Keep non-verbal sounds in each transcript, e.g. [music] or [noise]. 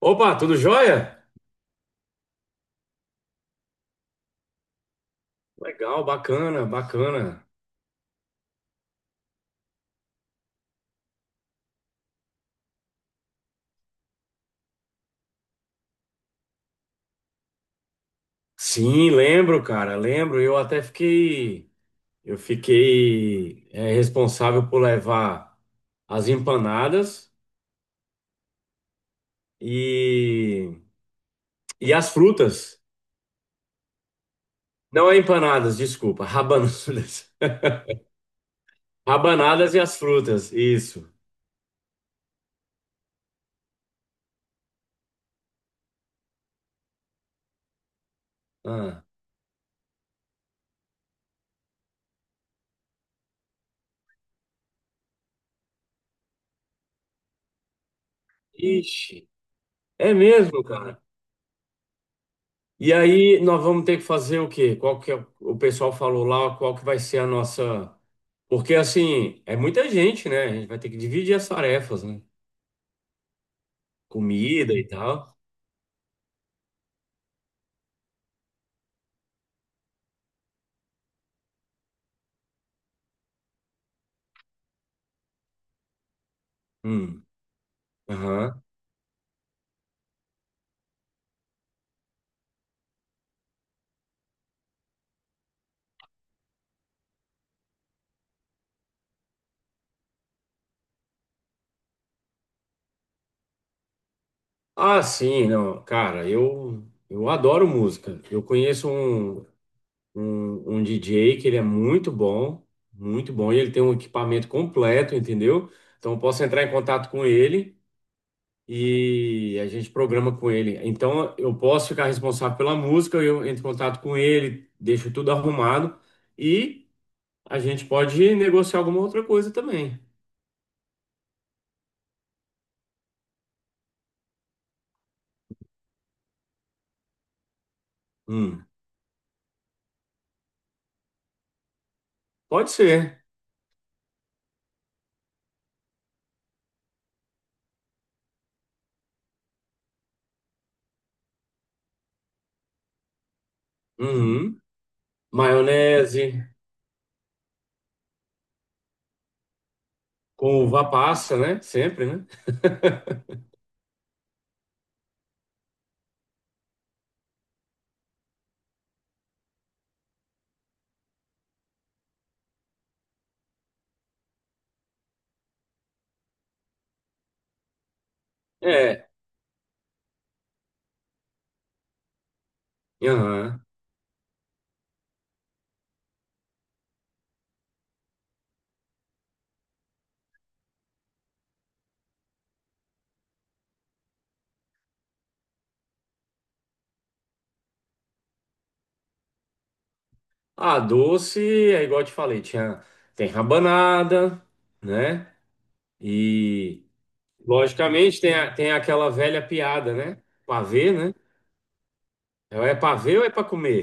Opa, tudo jóia? Legal, bacana, bacana. Sim, lembro, cara, lembro. Eu fiquei responsável por levar as empanadas e, e as frutas. Não é empanadas, desculpa, rabanadas. [laughs] Rabanadas e as frutas, isso. Ah. Ixi, é mesmo, cara. E aí nós vamos ter que fazer o quê? Qual que é, o pessoal falou lá, qual que vai ser a nossa. Porque assim, é muita gente, né? A gente vai ter que dividir as tarefas, né? Comida e tal. Hum, aham. Ah, sim, não. Cara, eu adoro música. Eu conheço um DJ que ele é muito bom, e ele tem um equipamento completo, entendeu? Então eu posso entrar em contato com ele e a gente programa com ele. Então eu posso ficar responsável pela música, eu entro em contato com ele, deixo tudo arrumado e a gente pode negociar alguma outra coisa também. Hum, pode ser. Uhum. Maionese com uva passa, né? Sempre, né? É. Aham. Ah, doce é igual eu te falei, tem rabanada, né? E logicamente tem aquela velha piada, né? Pavê, né? É, ou é para ver ou é para comer?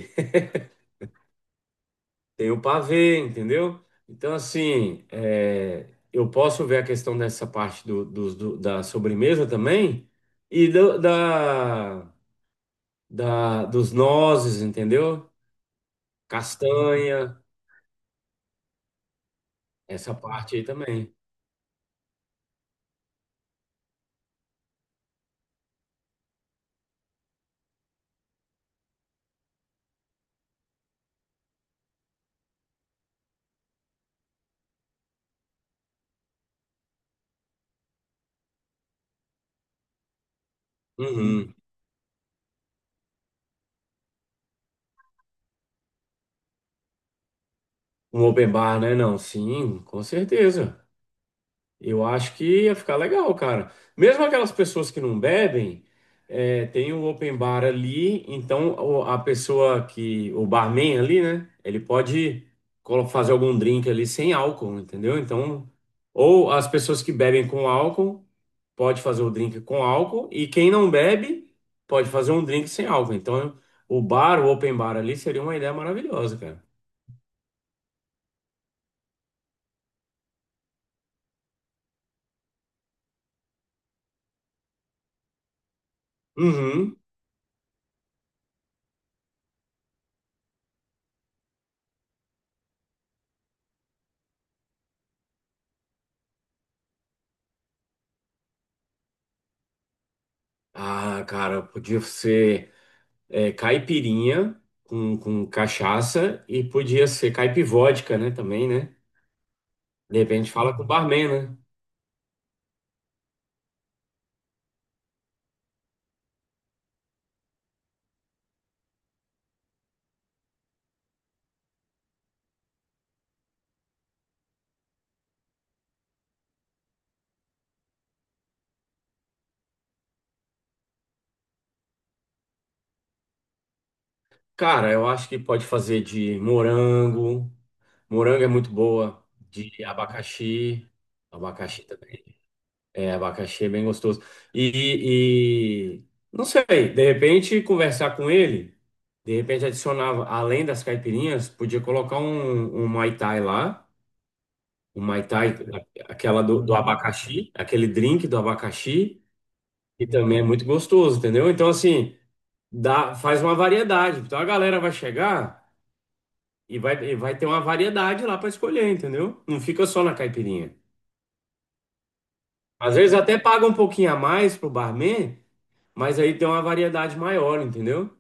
Tem o pavê, entendeu? Então, assim, eu posso ver a questão dessa parte da sobremesa também e dos nozes, entendeu? Castanha, essa parte aí também. Uhum. Um open bar, né? Não, sim, com certeza. Eu acho que ia ficar legal, cara. Mesmo aquelas pessoas que não bebem, tem o open bar ali, então a pessoa que, o barman ali, né? Ele pode fazer algum drink ali sem álcool, entendeu? Então, ou as pessoas que bebem com álcool, pode fazer o drink com álcool, e quem não bebe, pode fazer um drink sem álcool. Então, o open bar ali seria uma ideia maravilhosa, cara. Uhum. Ah, cara, podia ser. Caipirinha com cachaça e podia ser caipivódica, né? Também, né? De repente fala com o barman, né? Cara, eu acho que pode fazer de morango. Morango é muito boa. De abacaxi. Abacaxi também. É, abacaxi é bem gostoso. E não sei, de repente conversar com ele. De repente adicionava, além das caipirinhas, podia colocar um Muay Thai lá. O Mai Tai, aquela do abacaxi, aquele drink do abacaxi, que também é muito gostoso, entendeu? Então, assim, dá, faz uma variedade. Então a galera vai chegar e vai ter uma variedade lá para escolher, entendeu? Não fica só na caipirinha. Às vezes até paga um pouquinho a mais pro barman, mas aí tem uma variedade maior, entendeu?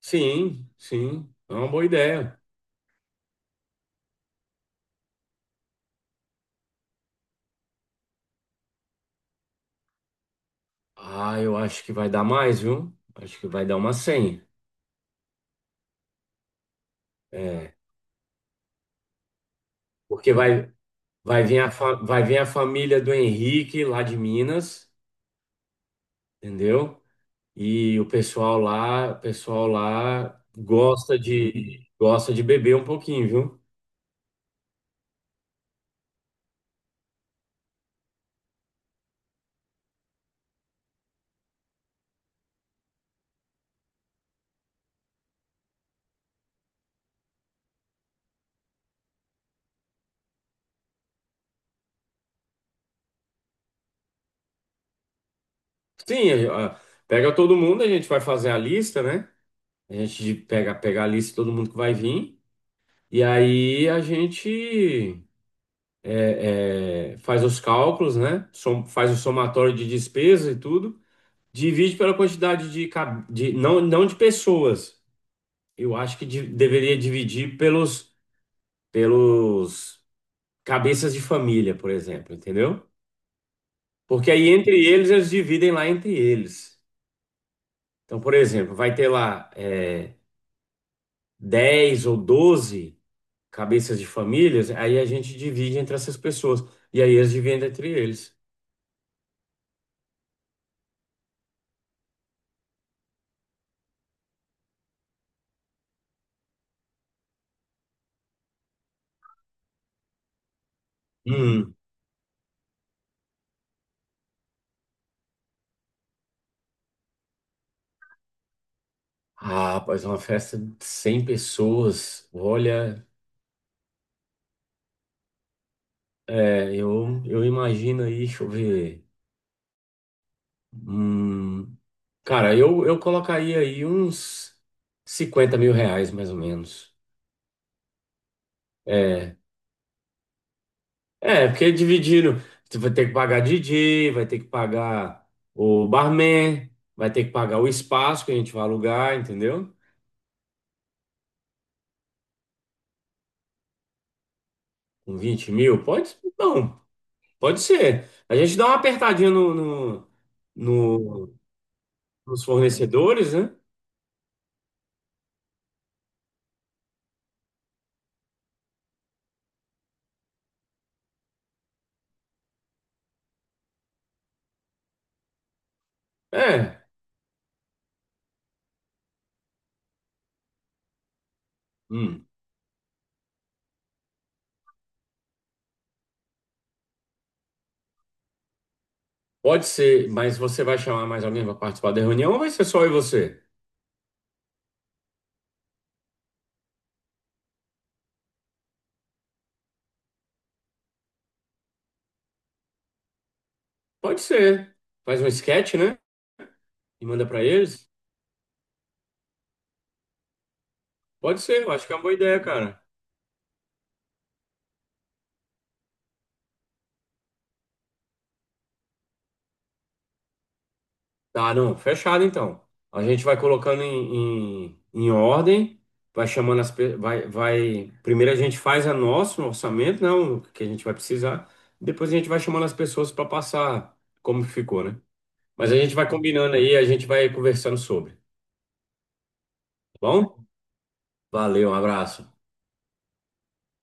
Sim, sim, é uma boa ideia. Ah, eu acho que vai dar mais, viu? Acho que vai dar uma 100. É, porque vai vir a família do Henrique lá de Minas, entendeu? E o pessoal lá gosta de beber um pouquinho, viu? Sim, pega todo mundo, a gente vai fazer a lista, né? A gente pega a lista de todo mundo que vai vir. E aí a gente faz os cálculos, né? Faz o somatório de despesa e tudo. Divide pela quantidade de, não, não de pessoas. Eu acho que deveria dividir pelos cabeças de família, por exemplo, entendeu? Porque aí entre eles, eles dividem lá entre eles. Então, por exemplo, vai ter lá 10 ou 12 cabeças de famílias, aí a gente divide entre essas pessoas. E aí eles dividem entre eles. Hum. Ah, pois uma festa de 100 pessoas. Olha, eu imagino aí, deixa eu ver. Hum, cara, eu colocaria aí uns R$ 50.000, mais ou menos. É, é, porque dividindo, você vai ter que pagar DJ, vai ter que pagar o barman, vai ter que pagar o espaço que a gente vai alugar, entendeu? Com 20 mil, pode? Não, pode ser. A gente dá uma apertadinha no- nos fornecedores, né? É, hum, pode ser, mas você vai chamar mais alguém para participar da reunião ou vai ser só eu e você? Pode ser. Faz um sketch, né? E manda pra eles. Pode ser, eu acho que é uma boa ideia, cara. Tá, não, fechado então. A gente vai colocando em ordem, vai chamando as pe- vai. Primeiro a gente faz a nosso orçamento, né? O que a gente vai precisar. Depois a gente vai chamando as pessoas para passar como ficou, né? Mas a gente vai combinando aí, a gente vai conversando sobre. Tá bom? Valeu, um abraço.